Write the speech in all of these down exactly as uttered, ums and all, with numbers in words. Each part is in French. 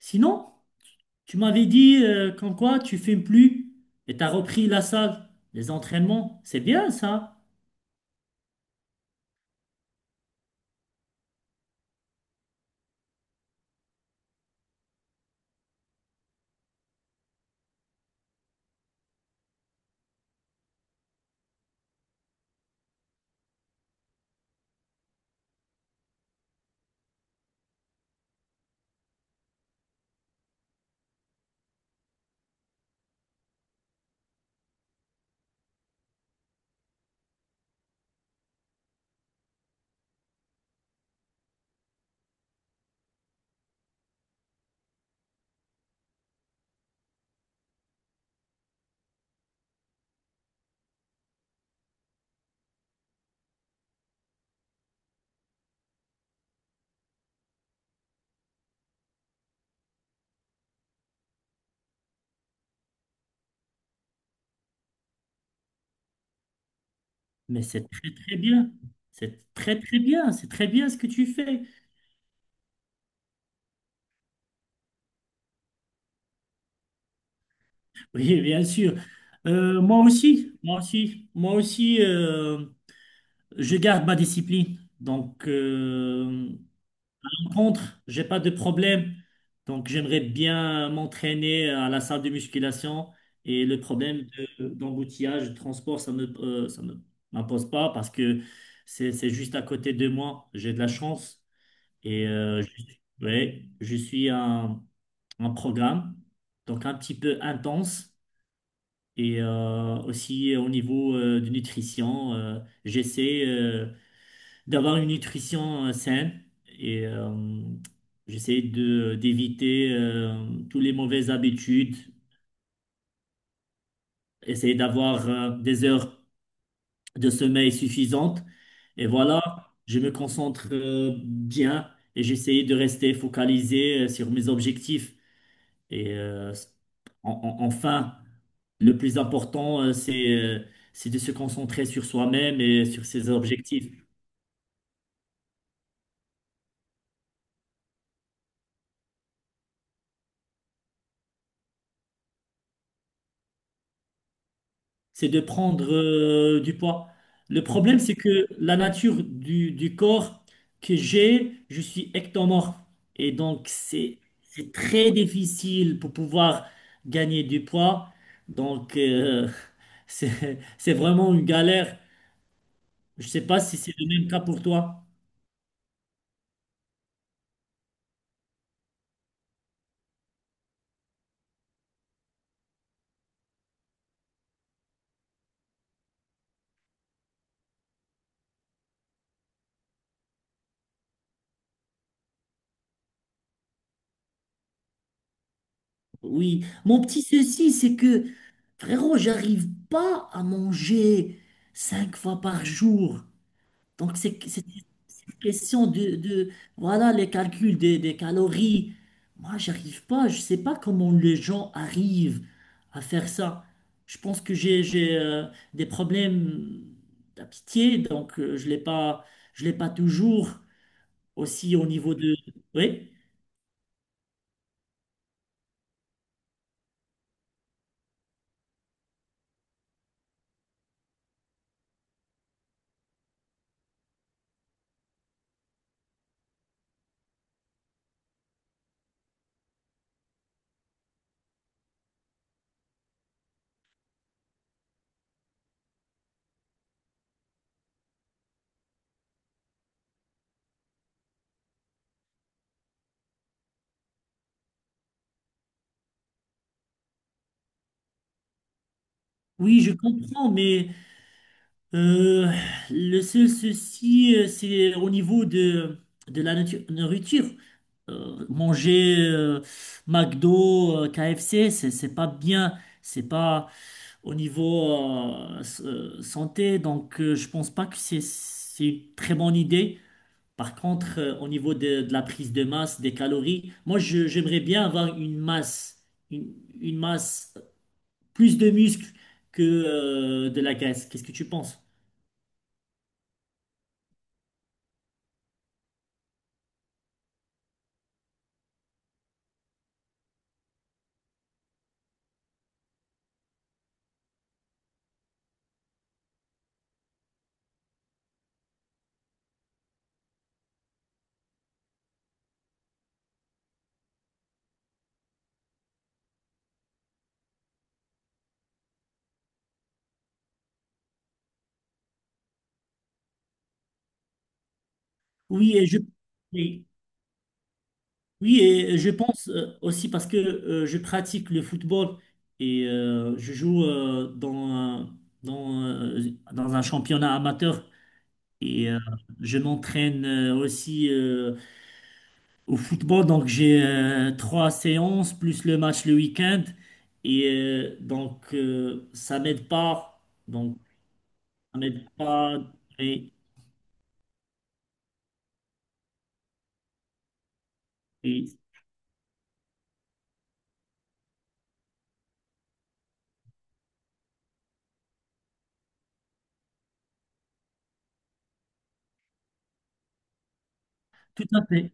Sinon, tu m'avais dit euh, qu'en quoi tu fumes plus et t'as repris la salle, les entraînements. C'est bien ça, mais c'est très très bien. C'est très très bien, c'est très bien ce que tu fais. Oui, bien sûr. Euh, moi aussi, moi aussi, moi aussi, euh, je garde ma discipline. Donc, euh, contre, j'ai pas de problème. Donc, j'aimerais bien m'entraîner à la salle de musculation et le problème de- d'embouteillage, de transport, ça me, euh, ça me m'impose pas parce que c'est, c'est juste à côté de moi. J'ai de la chance et euh, je, ouais, je suis un, un programme donc un petit peu intense et euh, aussi au niveau euh, de nutrition, euh, j'essaie euh, d'avoir une nutrition euh, saine et euh, j'essaie de d'éviter euh, toutes les mauvaises habitudes, essayer d'avoir euh, des heures de sommeil suffisantes et voilà, je me concentre euh, bien et j'essaie de rester focalisé euh, sur mes objectifs et euh, en- en- enfin le plus important euh, c'est euh, c'est de se concentrer sur soi-même et sur ses objectifs. C'est de prendre euh, du poids. Le problème, c'est que la nature du, du corps que j'ai, je suis ectomorphe. Et donc, c'est, c'est très difficile pour pouvoir gagner du poids. Donc, euh, c'est, c'est vraiment une galère. Je sais pas si c'est le même cas pour toi. Oui. Mon petit souci, c'est que, frérot, j'arrive pas à manger cinq fois par jour. Donc, c'est c'est- c'est une question de, de- voilà, les calculs des, des calories. Moi, j'arrive pas. Je sais pas comment les gens arrivent à faire ça. Je pense que j'ai, j'ai, euh, des problèmes d'appétit, donc euh, je l'ai pas, je l'ai pas toujours. Aussi au niveau de, oui, oui, je comprends, mais euh, le seul souci, euh, c'est au niveau de, de la natu- nourriture. euh, manger euh, McDo, euh, K F C, c'est c'est pas bien, c'est pas au niveau euh, s- euh, santé, donc euh, je pense pas que c'est c'est une très bonne idée. Par contre, euh, au niveau de, de la prise de masse, des calories, moi je- j'aimerais bien avoir une masse, une, une masse plus de muscles que euh, de la graisse. Qu'est-ce que tu penses? Oui, et je, oui, Oui, et je pense euh, aussi parce que euh, je pratique le football et euh, je joue euh, dans, un- dans, euh, dans un championnat amateur et euh, je m'entraîne euh, aussi euh, au football. Donc j'ai euh, trois séances plus le match le week-end et euh, donc euh, ça m'aide pas. Donc ça m'aide pas. Et, et- Tout à fait.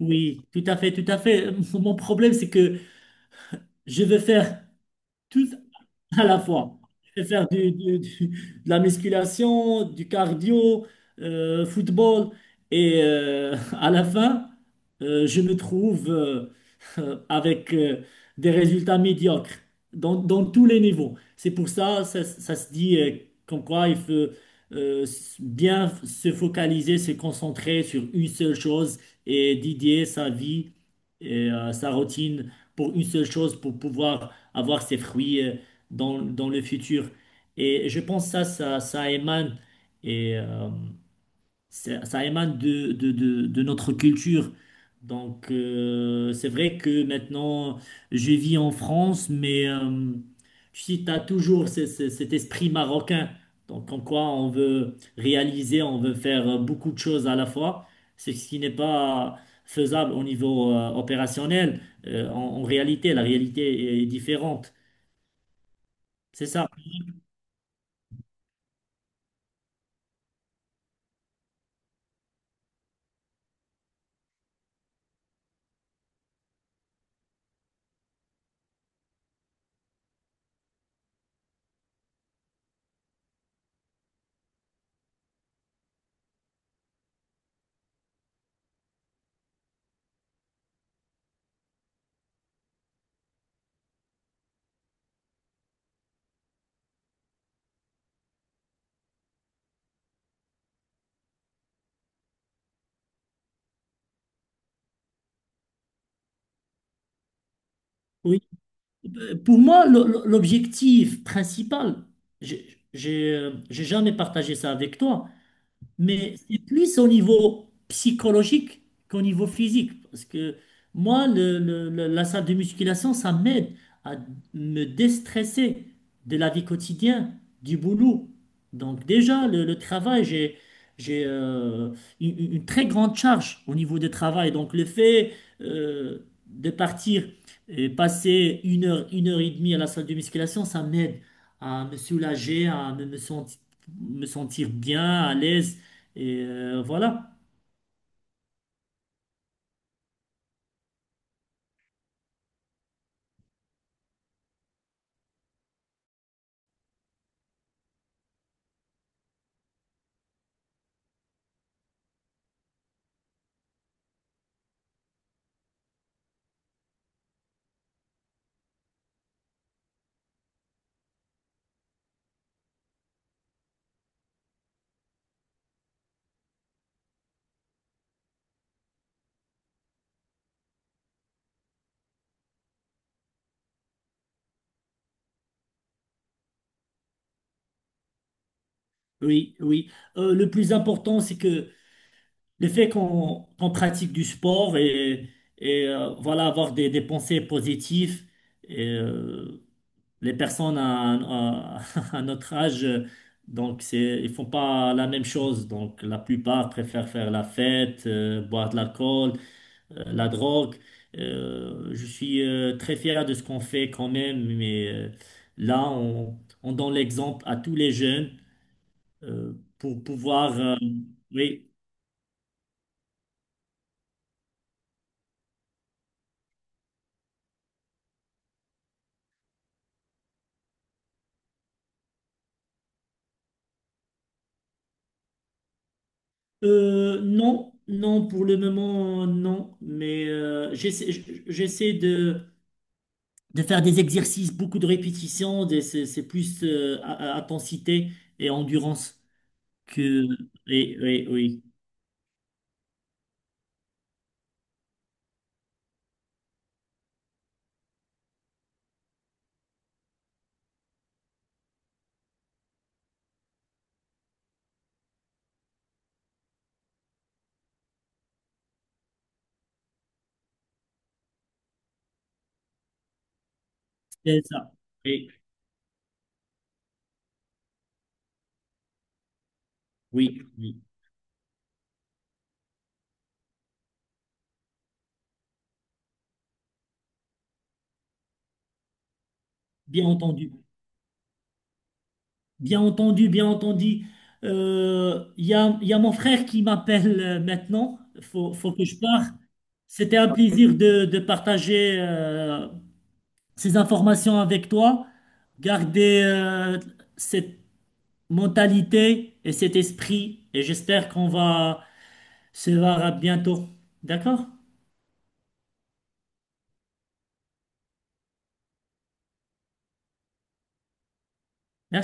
Oui, tout à fait, tout à fait. Mon problème, c'est que je veux faire tout à la fois. Je vais faire du, du- du- de la musculation, du cardio, euh, football. Et euh, à la fin, euh, je me trouve euh, euh, avec euh, des résultats médiocres dans, dans tous les niveaux. C'est pour ça, ça, ça se dit euh, comme quoi il faut euh, s- bien se focaliser, se concentrer sur une seule chose et dédier sa vie et euh, sa routine pour une seule chose pour pouvoir avoir ses fruits. euh, dans, dans le futur. Et je pense que ça, ça, ça émane, et, euh, ça, ça émane de, de, de, de notre culture. Donc, euh, c'est vrai que maintenant, je vis en France, mais euh, tu sais, tu as toujours ce- ce- cet esprit marocain. Donc, en quoi on veut réaliser, on veut faire beaucoup de choses à la fois, ce qui n'est pas faisable au niveau euh, opérationnel. Euh, en en réalité, la réalité est différente. C'est ça. Oui, pour moi, le- l'objectif principal, j'ai j'ai, euh, j'ai jamais partagé ça avec toi, mais c'est plus au niveau psychologique qu'au niveau physique. Parce que moi, le- le- le- la salle de musculation, ça m'aide à me déstresser de la vie quotidienne, du boulot. Donc déjà, le, le travail, j'ai, j'ai euh, une, une- une très grande charge au niveau du travail. Donc le fait euh, de partir et passer une heure, une heure et demie à la salle de musculation, ça m'aide à me soulager, à me me sentir me sentir bien, à l'aise et euh, voilà. Oui, oui. Euh, le plus important, c'est que le fait qu'on qu'on pratique du sport et, et euh, voilà, avoir des, des pensées positives. Et, euh, les personnes à, à- à notre âge, euh, donc c'est, ils font pas la même chose. Donc la plupart préfèrent faire la fête, euh, boire de l'alcool, euh, la drogue. Euh, je suis euh, très fier de ce qu'on fait quand même, mais euh, là, on, on donne l'exemple à tous les jeunes euh, pour pouvoir... euh, oui. Euh, non, non, pour le moment, non. Mais euh, j'essaie j- j'essaie de, de faire des exercices, beaucoup de répétitions. des- C'est c'est plus euh, a- a- intensité et endurance que... Oui, oui, oui. C'est ça. Oui, oui, oui. Bien entendu. Bien entendu, bien entendu. Euh, Il y a, il y a mon frère qui m'appelle euh, maintenant. Faut, faut que je pars. C'était un plaisir de, de partager euh, ces informations avec toi. Garder euh, cette mentalité et cet esprit. Et j'espère qu'on va se voir à bientôt. D'accord? Merci.